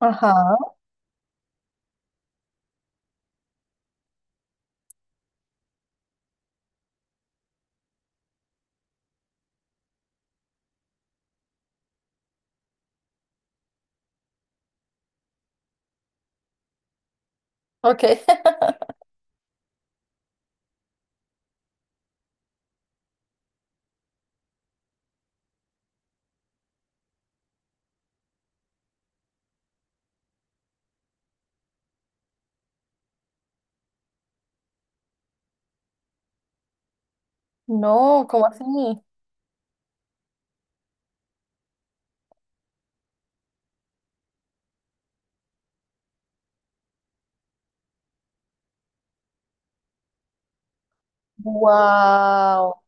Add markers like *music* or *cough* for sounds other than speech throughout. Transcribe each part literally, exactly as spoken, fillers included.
Ajá, ok. *laughs* No, ¿cómo así? Wow,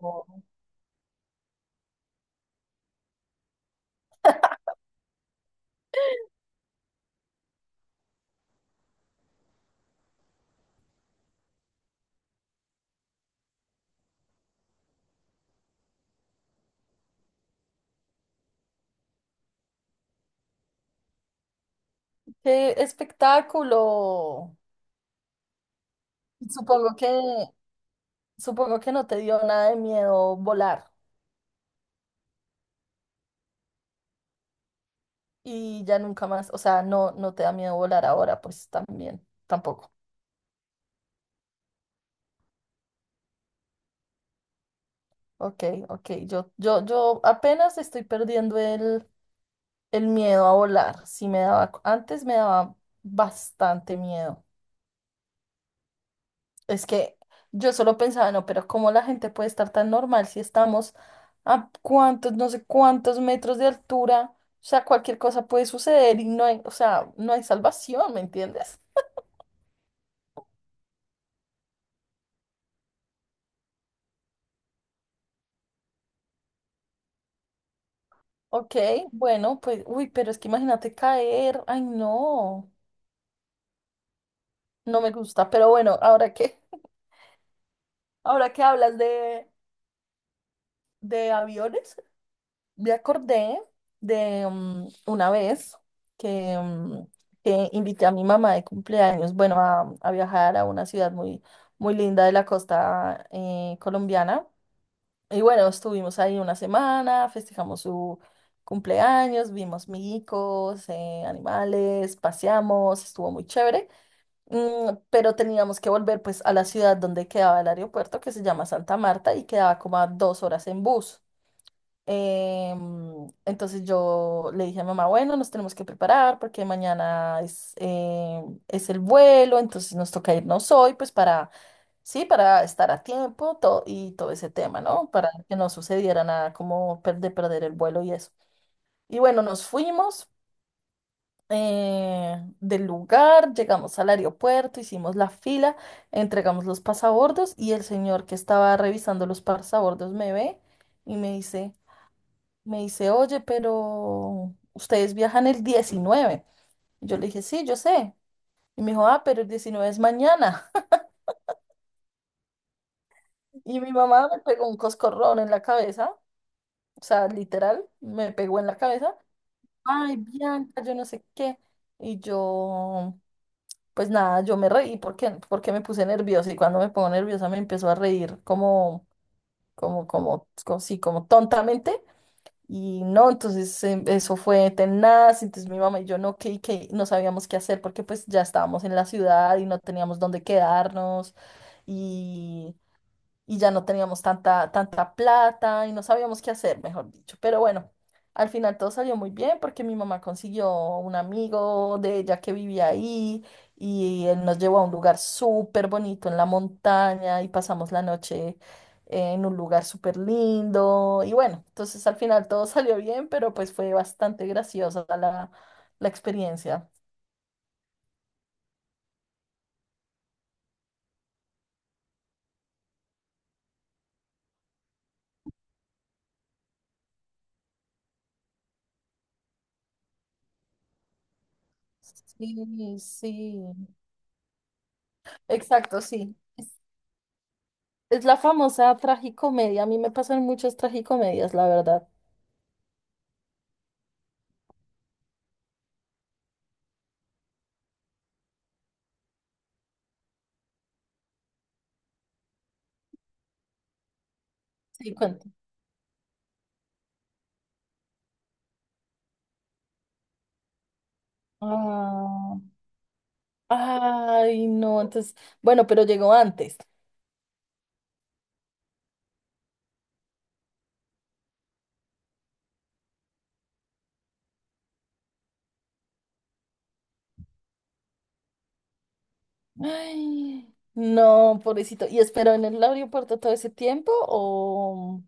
qué espectáculo. Supongo que, supongo que no te dio nada de miedo volar y ya nunca más, o sea, no, no te da miedo volar ahora, pues también, tampoco. Ok, ok, yo, yo, yo apenas estoy perdiendo el, el miedo a volar. Sí me daba, antes me daba bastante miedo. Es que yo solo pensaba, no, pero ¿cómo la gente puede estar tan normal si estamos a cuántos, no sé cuántos metros de altura? O sea, cualquier cosa puede suceder y no hay, o sea, no hay salvación, ¿me entiendes? Ok, bueno, pues, uy, pero es que imagínate caer, ay, no, no me gusta, pero bueno, ahora que, *laughs* ahora que hablas de, de, aviones. Me acordé de mm, una vez que, mm, que invité a mi mamá de cumpleaños, bueno, a, a viajar a una ciudad muy, muy linda de la costa eh, colombiana. Y bueno, estuvimos ahí una semana, festejamos su cumpleaños, vimos migicos, eh, animales, paseamos, estuvo muy chévere. Mm, pero teníamos que volver pues a la ciudad donde quedaba el aeropuerto, que se llama Santa Marta, y quedaba como a dos horas en bus. Em, entonces yo le dije a mamá, bueno, nos tenemos que preparar porque mañana es, em, es el vuelo, entonces nos toca irnos hoy, pues para, sí, para estar a tiempo todo, y todo ese tema, ¿no? Para que no sucediera nada como per- de perder el vuelo y eso. Y bueno, nos fuimos eh, del lugar, llegamos al aeropuerto, hicimos la fila, entregamos los pasabordos y el señor que estaba revisando los pasabordos me ve y me dice... Me dice, oye, pero ustedes viajan el diecinueve. Y yo le dije, sí, yo sé. Y me dijo, ah, pero el diecinueve es mañana. *laughs* Y mi mamá me pegó un coscorrón en la cabeza, o sea, literal, me pegó en la cabeza. Ay, Bianca, yo no sé qué. Y yo, pues nada, yo me reí porque, porque, me puse nerviosa. Y cuando me pongo nerviosa me empezó a reír como, como, como, como, sí, como tontamente. Y no, entonces em, eso fue tenaz, entonces mi mamá y yo no, que, que no sabíamos qué hacer porque pues ya estábamos en la ciudad y no teníamos dónde quedarnos y ya no teníamos tanta, tanta plata y no sabíamos qué hacer, mejor dicho. Pero bueno, al final todo salió muy bien porque mi mamá consiguió un amigo de ella que vivía ahí y él nos llevó a un lugar súper bonito en la montaña y pasamos la noche en un lugar súper lindo. Y bueno, entonces al final todo salió bien, pero pues fue bastante graciosa la, la experiencia. Sí, sí, exacto, sí. Es la famosa tragicomedia. A mí me pasan muchas tragicomedias, la verdad. Sí, cuento. Ah, ay, no, entonces, bueno, pero llegó antes. Ay, no, pobrecito. ¿Y esperó en el aeropuerto todo ese tiempo o...?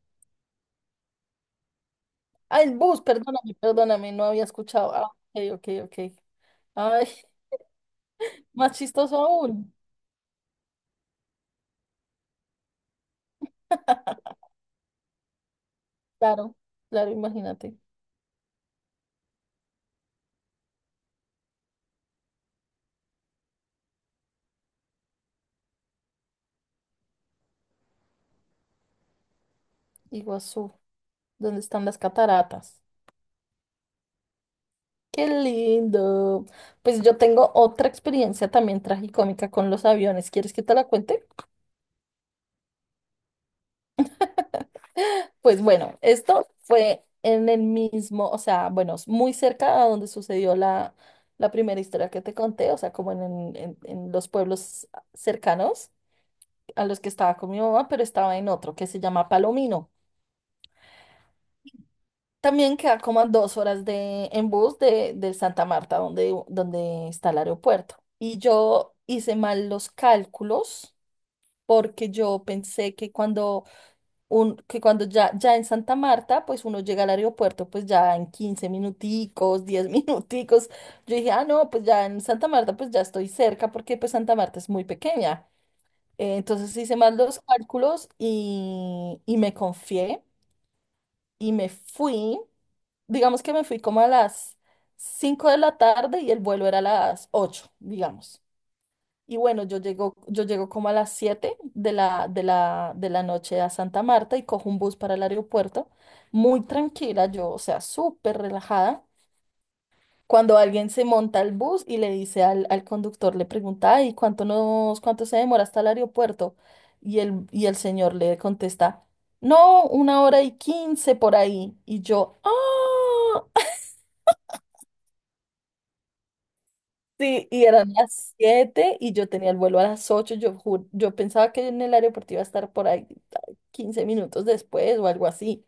Ah, el bus, perdóname, perdóname, no había escuchado. Ah, ok, ok, ok. Ay, más chistoso aún. Claro, claro, imagínate. Iguazú, ¿dónde están las cataratas? Qué lindo. Pues yo tengo otra experiencia también tragicómica con los aviones. ¿Quieres que te la cuente? Pues bueno, esto fue en el mismo, o sea, bueno, es muy cerca a donde sucedió la, la, primera historia que te conté, o sea, como en, en, en- en los pueblos cercanos a los que estaba con mi mamá, pero estaba en otro que se llama Palomino. También queda como a dos horas de, en bus de, de Santa Marta, donde, donde está el aeropuerto. Y yo hice mal los cálculos porque yo pensé que cuando, un, que cuando ya, ya en Santa Marta, pues uno llega al aeropuerto, pues ya en quince minuticos, diez *laughs* minuticos, yo dije, ah, no, pues ya en Santa Marta, pues ya estoy cerca, porque pues Santa Marta es muy pequeña. Eh, entonces hice mal los cálculos y, y me confié y me fui, digamos que me fui como a las cinco de la tarde y el vuelo era a las ocho digamos. Y bueno, yo llego, yo llego como a las siete de la, de la, de la noche a Santa Marta y cojo un bus para el aeropuerto, muy tranquila, yo, o sea, súper relajada. Cuando alguien se monta al bus y le dice al, al conductor, le pregunta, ay, ¿cuánto nos, cuánto se demora hasta el aeropuerto? Y el, y el señor le contesta, no, una hora y quince por ahí. Y yo, ah, *laughs* Sí, y eran las siete y yo tenía el vuelo a las ocho. Yo, ju- yo pensaba que en el aeropuerto iba a estar por ahí quince minutos después o algo así.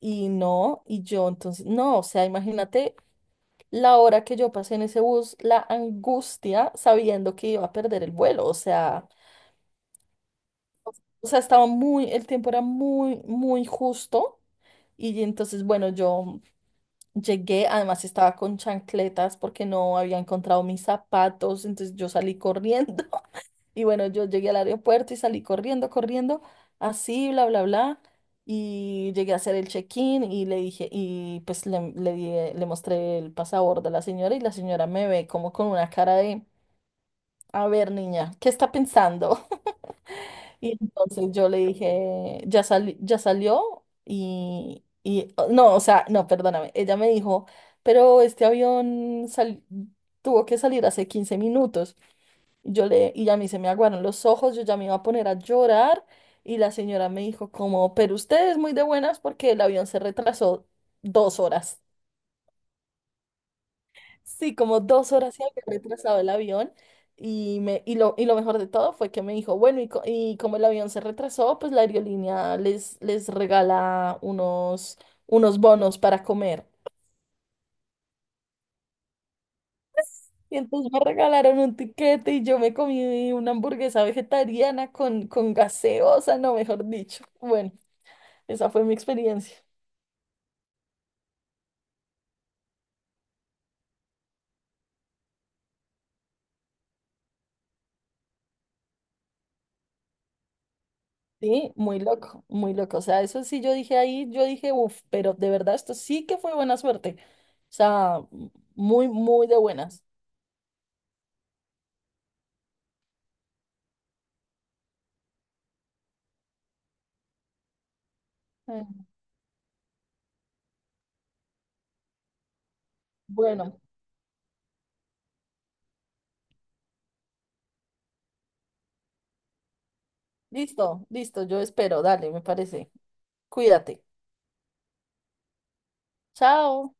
Y no, y yo entonces, no, o sea, imagínate la hora que yo pasé en ese bus, la angustia sabiendo que iba a perder el vuelo, o sea, o sea, estaba muy, el tiempo era muy, muy justo. Y entonces, bueno, yo llegué, además estaba con chancletas porque no había encontrado mis zapatos, entonces yo salí corriendo. Y bueno, yo llegué al aeropuerto y salí corriendo, corriendo, así, bla, bla, bla. Y llegué a hacer el check-in y le dije, y pues le, le, di- le mostré el pasaporte a la señora y la señora me ve como con una cara de, a ver, niña, ¿qué está pensando? *laughs* Y entonces yo le dije, ya sali- ya salió y, y, oh, no, o sea, no, perdóname, ella me dijo, pero este avión sal- tuvo que salir hace quince minutos. Yo le, y a mí se me aguaron los ojos, yo ya me iba a poner a llorar y la señora me dijo como, pero usted es muy de buenas porque el avión se retrasó dos horas. Sí, como dos horas se había retrasado el avión y, me, y, lo, y lo mejor de todo fue que me dijo, bueno, y, co- y como el avión se retrasó, pues la aerolínea les, les regala unos, unos, bonos para comer. Y entonces me regalaron un tiquete y yo me comí una hamburguesa vegetariana con, con gaseosa, no, mejor dicho. Bueno. Esa fue mi experiencia. Sí, muy loco, muy loco. O sea, eso sí yo dije ahí, yo dije, uff, pero de verdad esto sí que fue buena suerte. O sea, m- muy, muy de buenas. Eh, Bueno, listo, listo, yo espero. Dale, me parece. Cuídate. Chao.